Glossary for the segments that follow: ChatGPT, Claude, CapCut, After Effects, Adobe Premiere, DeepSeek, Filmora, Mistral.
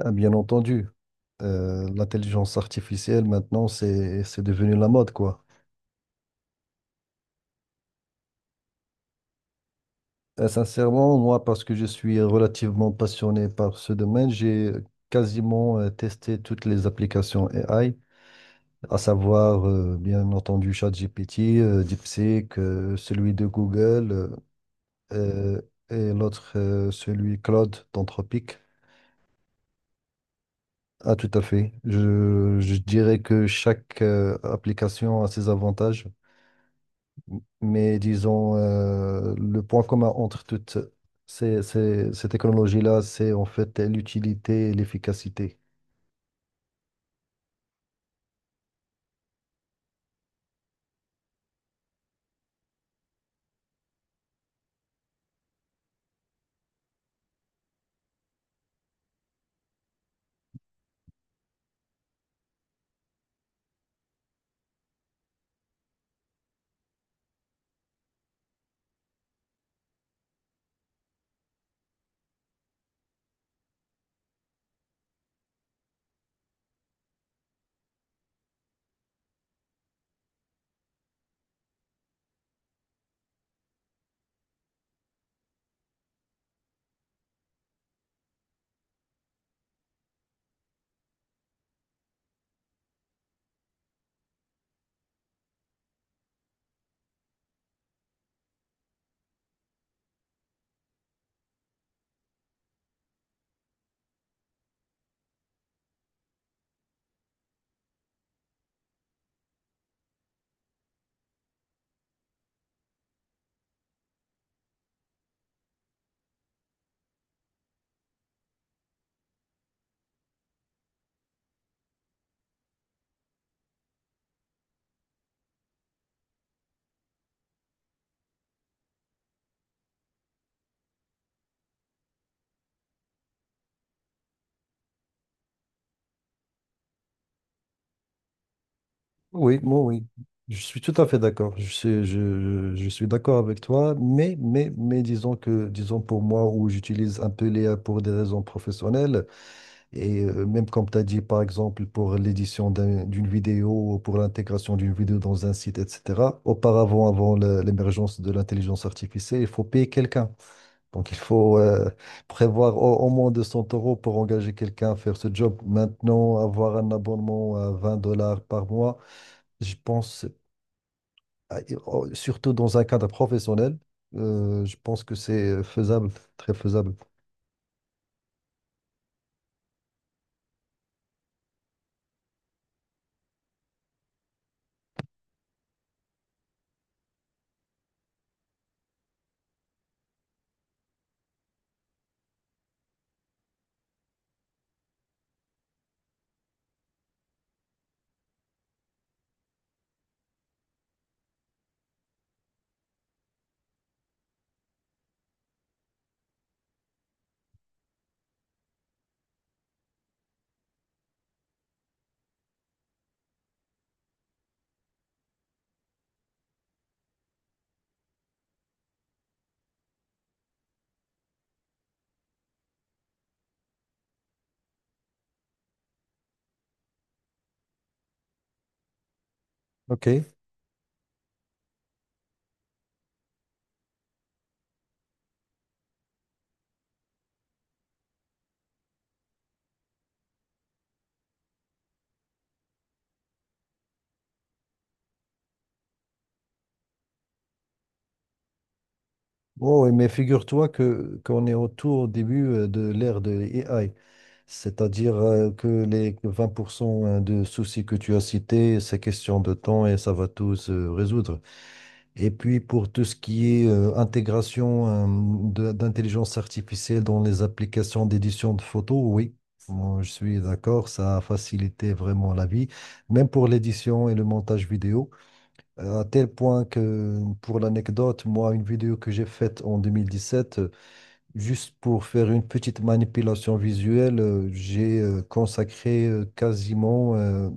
Ah, bien entendu. L'intelligence artificielle maintenant, c'est devenu la mode, quoi. Sincèrement, moi, parce que je suis relativement passionné par ce domaine, j'ai quasiment testé toutes les applications AI, à savoir, bien entendu, ChatGPT, DeepSeek, celui de Google, euh, et l'autre, celui Claude d'Anthropic. Ah, tout à fait. Je dirais que chaque application a ses avantages. Mais disons, le point commun entre toutes ces technologies-là, c'est en fait l'utilité et l'efficacité. Oui, moi, oui. Je suis tout à fait d'accord. Je suis d'accord avec toi, mais disons que, disons pour moi, où j'utilise un peu l'IA pour des raisons professionnelles, et même comme tu as dit, par exemple, pour l'édition d'une vidéo, ou pour l'intégration d'une vidéo dans un site, etc., auparavant, avant l'émergence de l'intelligence artificielle, il faut payer quelqu'un. Donc, il faut prévoir au moins 200 euros pour engager quelqu'un à faire ce job. Maintenant, avoir un abonnement à 20 dollars par mois, je pense, à- surtout dans un cadre professionnel, je pense que c'est faisable, très faisable. OK. Oh, oui, mais figure-toi que qu'on est au tout au début de l'ère de l'AI, c'est-à-dire que les 20% de soucis que tu as cités, c'est question de temps et ça va tout se résoudre. Et puis pour tout ce qui est intégration d'intelligence artificielle dans les applications d'édition de photos, oui, moi, je suis d'accord, ça a facilité vraiment la vie, même pour l'édition et le montage vidéo. À tel point que pour l'anecdote, moi, une vidéo que j'ai faite en 2017, juste pour faire une petite manipulation visuelle, j'ai consacré quasiment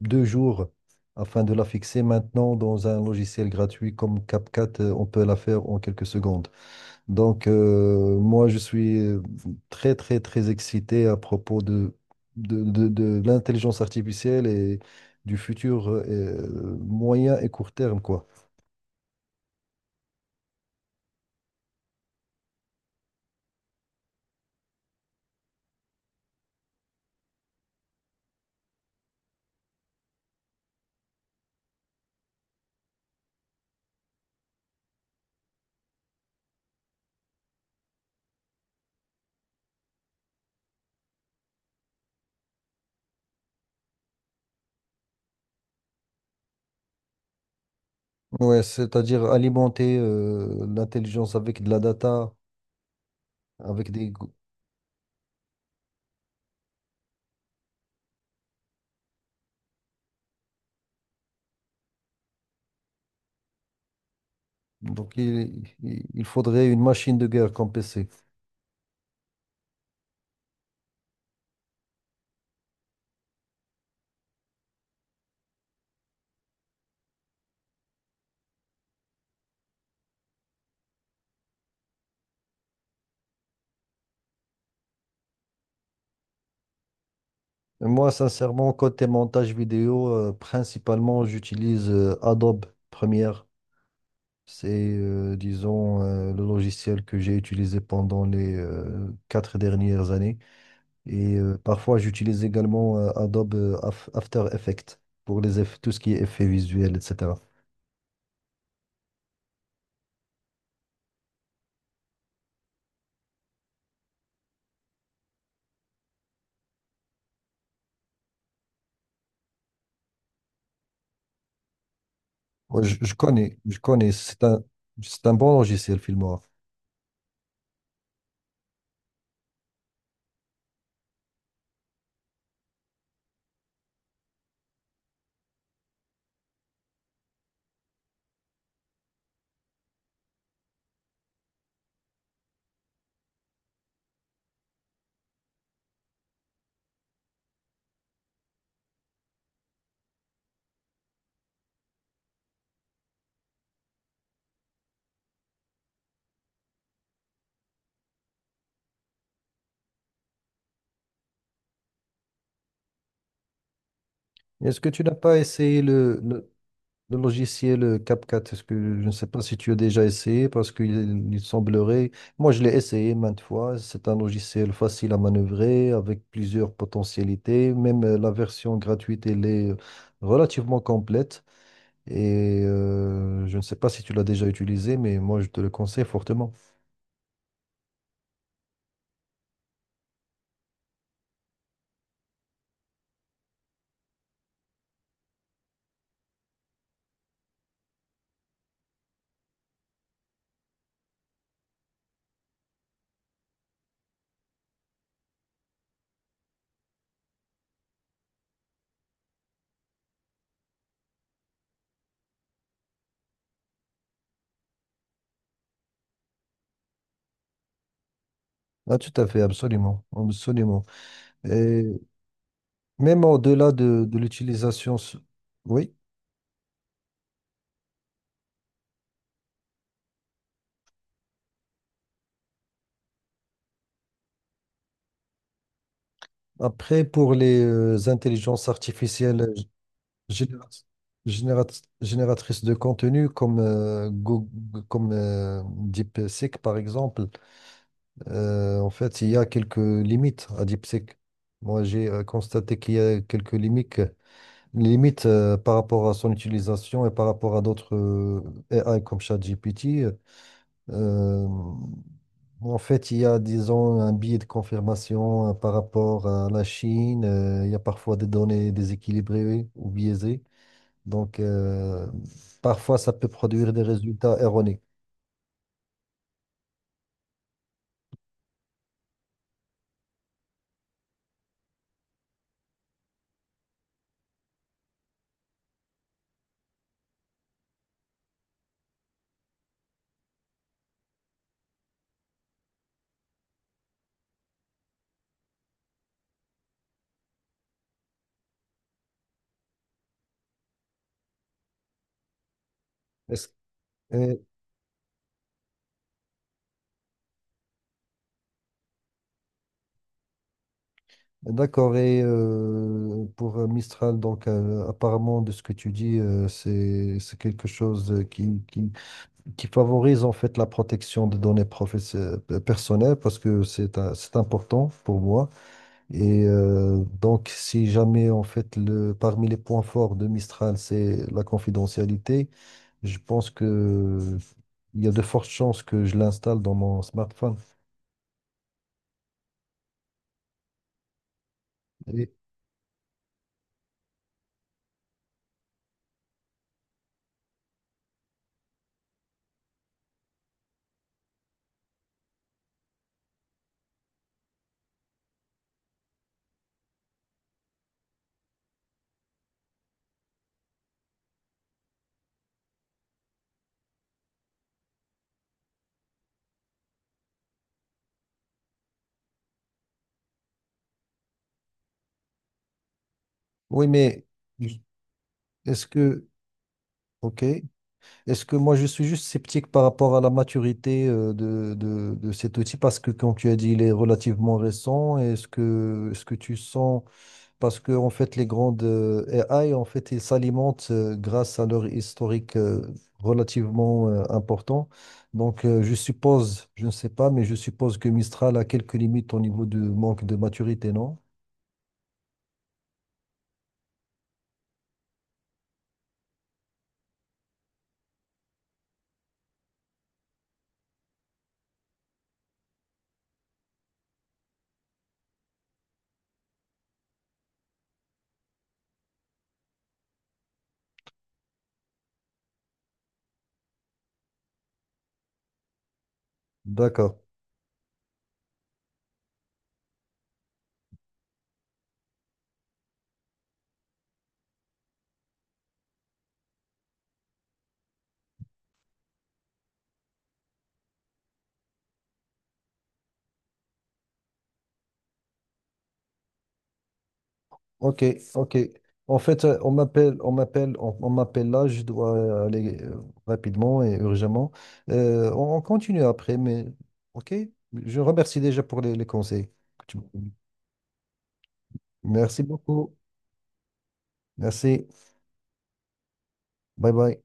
deux jours afin de la fixer. Maintenant, dans un logiciel gratuit comme CapCut, on peut la faire en quelques secondes. Donc, moi, je suis très, très, très excité à propos de l'intelligence artificielle et du futur moyen et court terme, quoi. Ouais, c'est-à-dire alimenter l'intelligence avec de la data, avec des... Donc, il faudrait une machine de guerre comme PC. Moi, sincèrement, côté montage vidéo, principalement, j'utilise Adobe Premiere. C'est, disons, le logiciel que j'ai utilisé pendant les quatre dernières années. Et parfois, j'utilise également Adobe After Effects pour les tout ce qui est effets visuels, etc. Moi, je connais, je connais. C'est c'est un bon logiciel, Filmora. Est-ce que tu n'as pas essayé le logiciel CapCut, est-ce que je ne sais pas si tu as déjà essayé parce qu'il il semblerait, moi je l'ai essayé maintes fois, c'est un logiciel facile à manœuvrer avec plusieurs potentialités, même la version gratuite elle est relativement complète et je ne sais pas si tu l'as déjà utilisé mais moi je te le conseille fortement. Ah, tout à fait, absolument, absolument. Et même au-delà de l'utilisation, oui. Après, pour les intelligences artificielles, Générat- génératrice de contenu comme, comme DeepSeek, par exemple, en fait, il y a quelques limites à DeepSeek. Moi, j'ai constaté qu'il y a quelques limites, limites par rapport à son utilisation et par rapport à d'autres AI comme ChatGPT. Euh, en fait, il y a, disons, un biais de confirmation par rapport à la Chine. Il y a parfois des données déséquilibrées ou biaisées. Donc, parfois, ça peut produire des résultats erronés. Est-ce- et- D'accord. Et pour Mistral, donc, apparemment, de ce que tu dis, c'est quelque chose qui favorise en fait la protection des données personnelles parce que c'est important pour moi. Et donc, si jamais, en fait, parmi les points forts de Mistral, c'est la confidentialité, je pense que il y a de fortes chances que je l'installe dans mon smartphone. Et- oui, je- est-ce que, ok, est-ce que moi je suis juste sceptique par rapport à la maturité euh, de cet outil parce que, comme tu as dit, il est relativement récent. Est-ce que tu sens. Parce que en fait, les grandes AI, en fait, ils s'alimentent grâce à leur historique relativement important. Donc, je suppose, je ne sais pas, mais je suppose que Mistral a quelques limites au niveau du manque de maturité, non? D'accord. Ok, ok. En fait, on m'appelle là. Je dois aller rapidement et urgemment. On continue après, mais ok. Je remercie déjà pour les conseils que tu m'as donnés. Merci beaucoup. Merci. Bye bye.